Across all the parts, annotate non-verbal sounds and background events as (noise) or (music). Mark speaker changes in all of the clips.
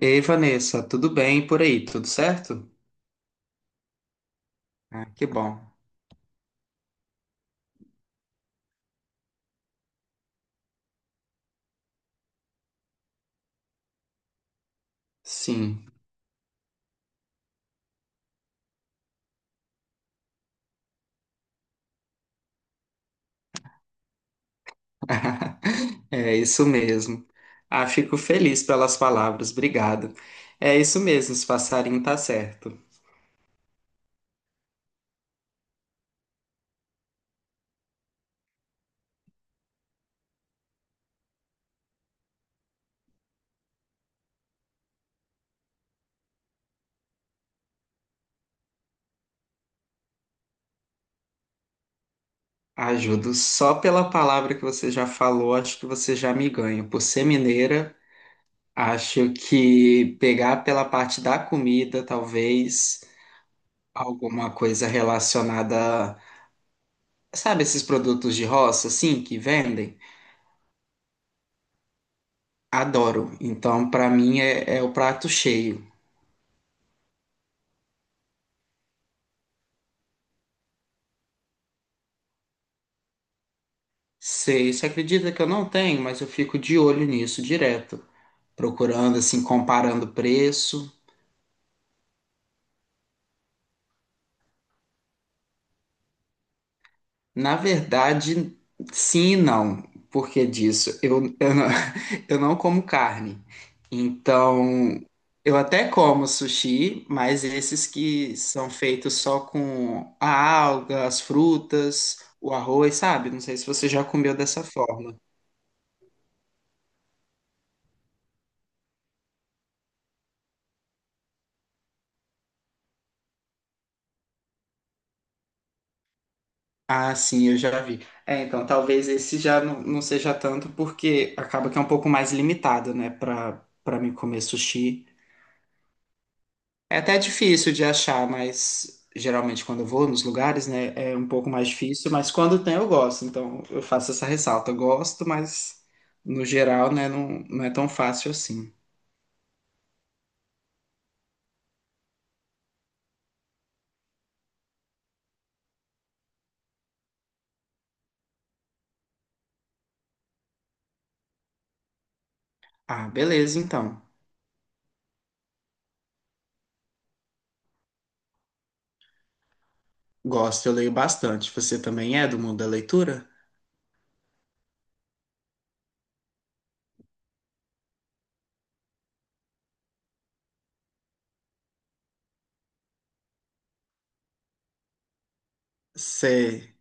Speaker 1: Ei, Vanessa, tudo bem por aí? Tudo certo? Ah, que bom. Sim, (laughs) é isso mesmo. Ah, fico feliz pelas palavras, obrigado. É isso mesmo, esse passarinho tá certo. Ajudo só pela palavra que você já falou, acho que você já me ganha. Por ser mineira, acho que pegar pela parte da comida, talvez alguma coisa relacionada, sabe, esses produtos de roça, assim, que vendem? Adoro. Então, pra mim, é o prato cheio. Sei, você acredita que eu não tenho, mas eu fico de olho nisso direto, procurando, assim, comparando preço. Na verdade, sim e não. Por que disso eu não, (laughs) eu não como carne. Então, eu até como sushi, mas esses que são feitos só com a alga, as frutas, o arroz, sabe? Não sei se você já comeu dessa forma. Ah, sim, eu já vi. É, então, talvez esse já não seja tanto, porque acaba que é um pouco mais limitado, né, pra mim comer sushi. É até difícil de achar, mas geralmente quando eu vou nos lugares, né, é um pouco mais difícil, mas quando tem eu gosto, então eu faço essa ressalta. Eu gosto, mas no geral, né, não é tão fácil assim. Ah, beleza, então. Gosto, eu leio bastante. Você também é do mundo da leitura? Sei.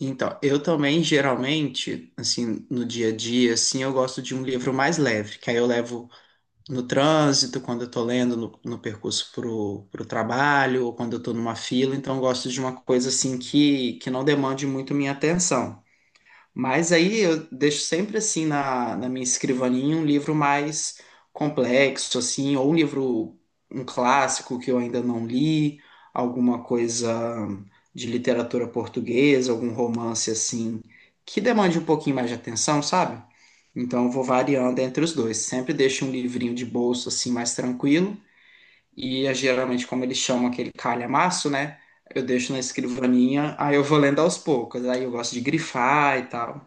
Speaker 1: Então, eu também, geralmente, assim, no dia a dia, assim, eu gosto de um livro mais leve, que aí eu levo no trânsito, quando eu tô lendo no percurso pro trabalho, ou quando eu tô numa fila, então eu gosto de uma coisa, assim, que não demande muito minha atenção. Mas aí eu deixo sempre assim na minha escrivaninha um livro mais complexo, assim, um clássico que eu ainda não li, alguma coisa de literatura portuguesa, algum romance assim, que demande um pouquinho mais de atenção, sabe? Então eu vou variando entre os dois. Sempre deixo um livrinho de bolso assim mais tranquilo, e geralmente, como eles chamam aquele calhamaço, né? Eu deixo na escrivaninha, aí eu vou lendo aos poucos, aí eu gosto de grifar e tal.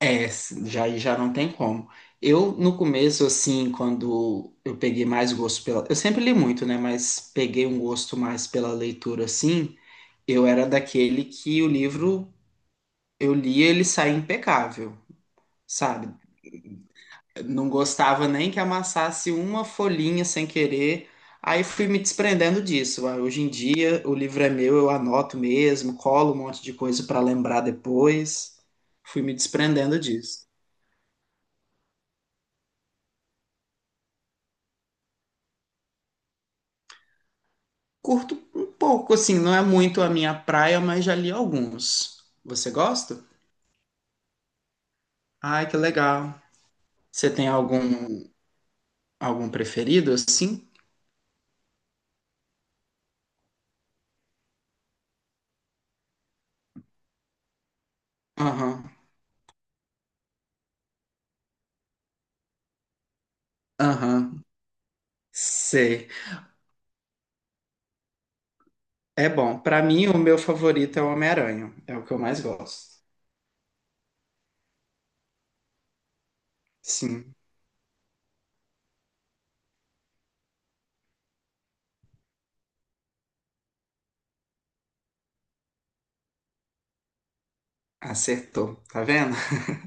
Speaker 1: É, já não tem como. Eu, no começo, assim, quando eu peguei mais gosto pela. Eu sempre li muito, né? Mas peguei um gosto mais pela leitura, assim. Eu era daquele que o livro eu lia, ele saía impecável, sabe? Não gostava nem que amassasse uma folhinha sem querer. Aí fui me desprendendo disso. Aí, hoje em dia, o livro é meu, eu anoto mesmo, colo um monte de coisa para lembrar depois. Fui me desprendendo disso. Curto um pouco, assim, não é muito a minha praia, mas já li alguns. Você gosta? Ai, que legal. Você tem algum preferido assim? Aham. Aham. Sei. É bom. Pra mim, o meu favorito é o Homem-Aranha. É o que eu mais gosto. Sim, acertou. Tá vendo? (laughs)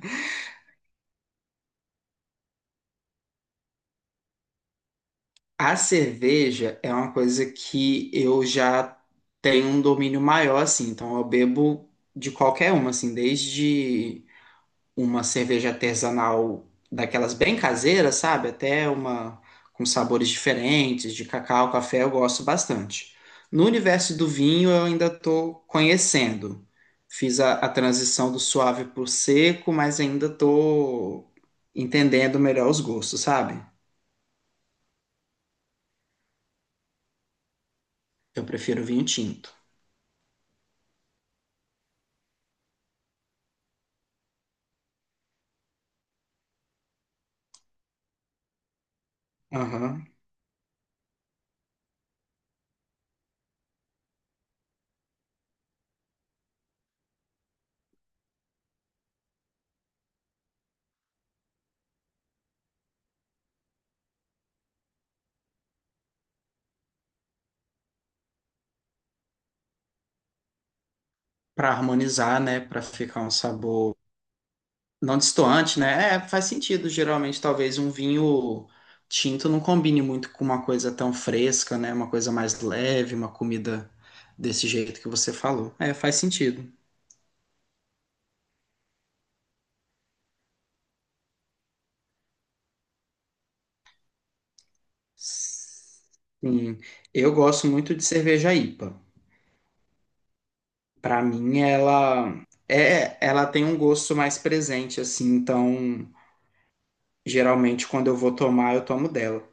Speaker 1: A cerveja é uma coisa que eu já tenho um domínio maior, assim. Então, eu bebo de qualquer uma, assim, desde uma cerveja artesanal daquelas bem caseiras, sabe? Até uma com sabores diferentes, de cacau, café, eu gosto bastante. No universo do vinho, eu ainda estou conhecendo. Fiz a transição do suave para o seco, mas ainda estou entendendo melhor os gostos, sabe? Eu prefiro vinho tinto. Aham. Para harmonizar, né? Para ficar um sabor não destoante, né? É, faz sentido. Geralmente, talvez um vinho tinto não combine muito com uma coisa tão fresca, né? Uma coisa mais leve, uma comida desse jeito que você falou. É, faz sentido. Sim. Eu gosto muito de cerveja IPA. Para mim, ela tem um gosto mais presente, assim. Então, geralmente, quando eu vou tomar, eu tomo dela.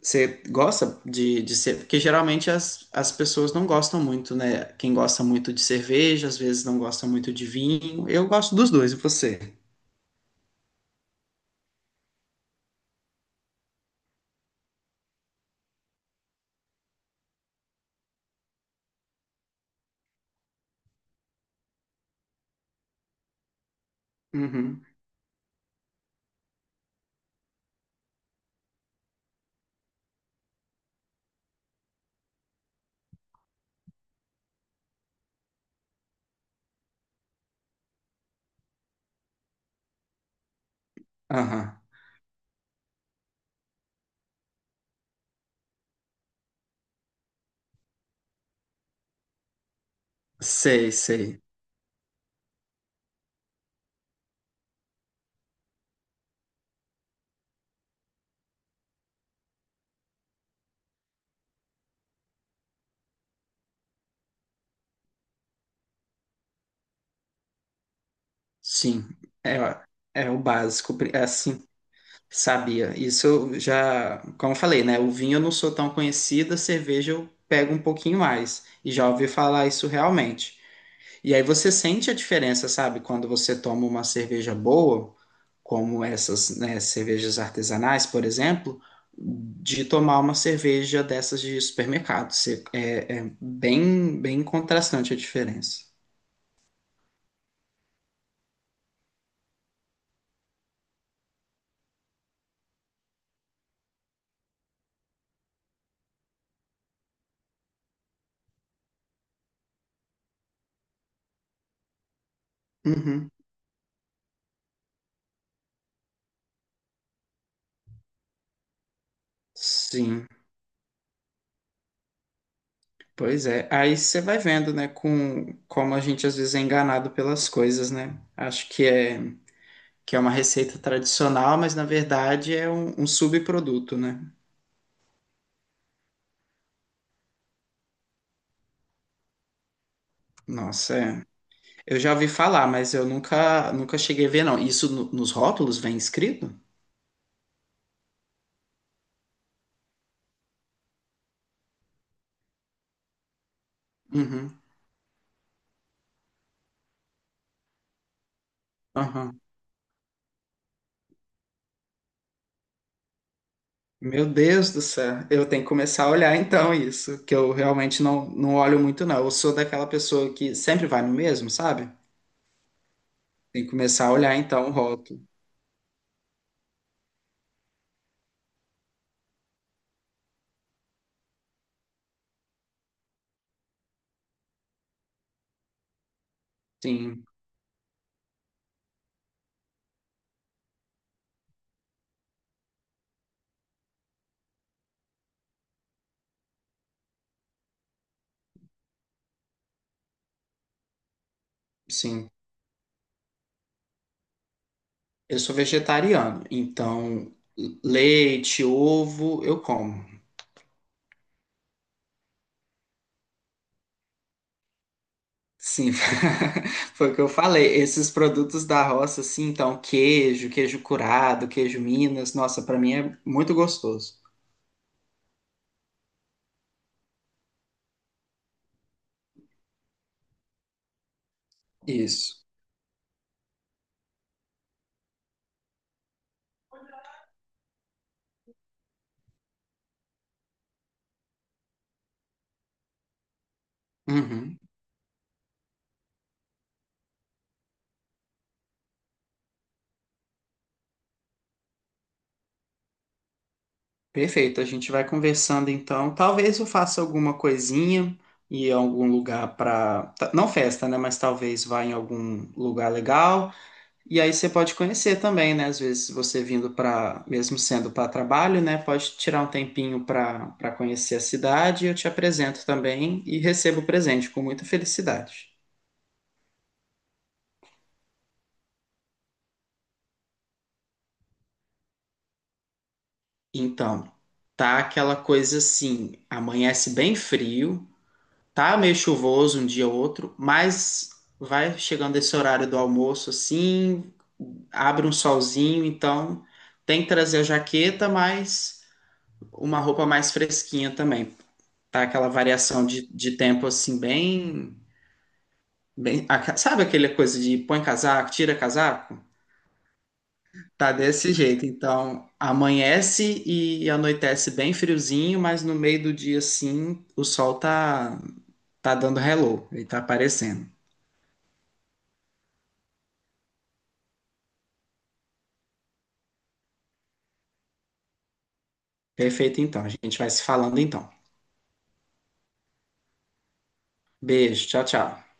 Speaker 1: Você gosta de ser. Porque geralmente as pessoas não gostam muito, né? Quem gosta muito de cerveja, às vezes não gosta muito de vinho. Eu gosto dos dois, e você? Uhum. Aham. Sei, sei. Sim. É, ó, é o básico. Assim, sabia. Isso eu já. Como eu falei, né? O vinho eu não sou tão conhecida, cerveja eu pego um pouquinho mais. E já ouvi falar isso realmente. E aí você sente a diferença, sabe? Quando você toma uma cerveja boa, como essas, né, cervejas artesanais, por exemplo, de tomar uma cerveja dessas de supermercado. É, é bem, bem contrastante a diferença. Uhum. Sim, pois é. Aí você vai vendo, né, como a gente às vezes é enganado pelas coisas, né? Acho que é uma receita tradicional, mas na verdade é um subproduto, né? Nossa, é. Eu já ouvi falar, mas eu nunca cheguei a ver, não. Isso nos rótulos vem escrito? Uhum, aham. Meu Deus do céu, eu tenho que começar a olhar então isso, que eu realmente não olho muito, não. Eu sou daquela pessoa que sempre vai no mesmo, sabe? Tem que começar a olhar então o rótulo. Sim, sim. Eu sou vegetariano, então leite, ovo, eu como. Sim, (laughs) foi o que eu falei. Esses produtos da roça, assim, então, queijo, queijo curado, queijo Minas, nossa, pra mim é muito gostoso. Isso. Uhum. Perfeito, a gente vai conversando então. Talvez eu faça alguma coisinha e algum lugar para não festa, né? Mas talvez vá em algum lugar legal. E aí você pode conhecer também, né? Às vezes você vindo para, mesmo sendo para trabalho, né? Pode tirar um tempinho para conhecer a cidade. Eu te apresento também e recebo o presente com muita felicidade. Então, tá aquela coisa assim, amanhece bem frio, tá meio chuvoso um dia ou outro, mas vai chegando esse horário do almoço assim, abre um solzinho, então tem que trazer a jaqueta, mas uma roupa mais fresquinha também. Tá aquela variação de tempo assim, Sabe aquela coisa de põe casaco, tira casaco? Tá desse jeito. Então, amanhece e anoitece bem friozinho, mas no meio do dia, assim, tá dando hello, ele tá aparecendo. Perfeito, então. A gente vai se falando então. Beijo, tchau, tchau.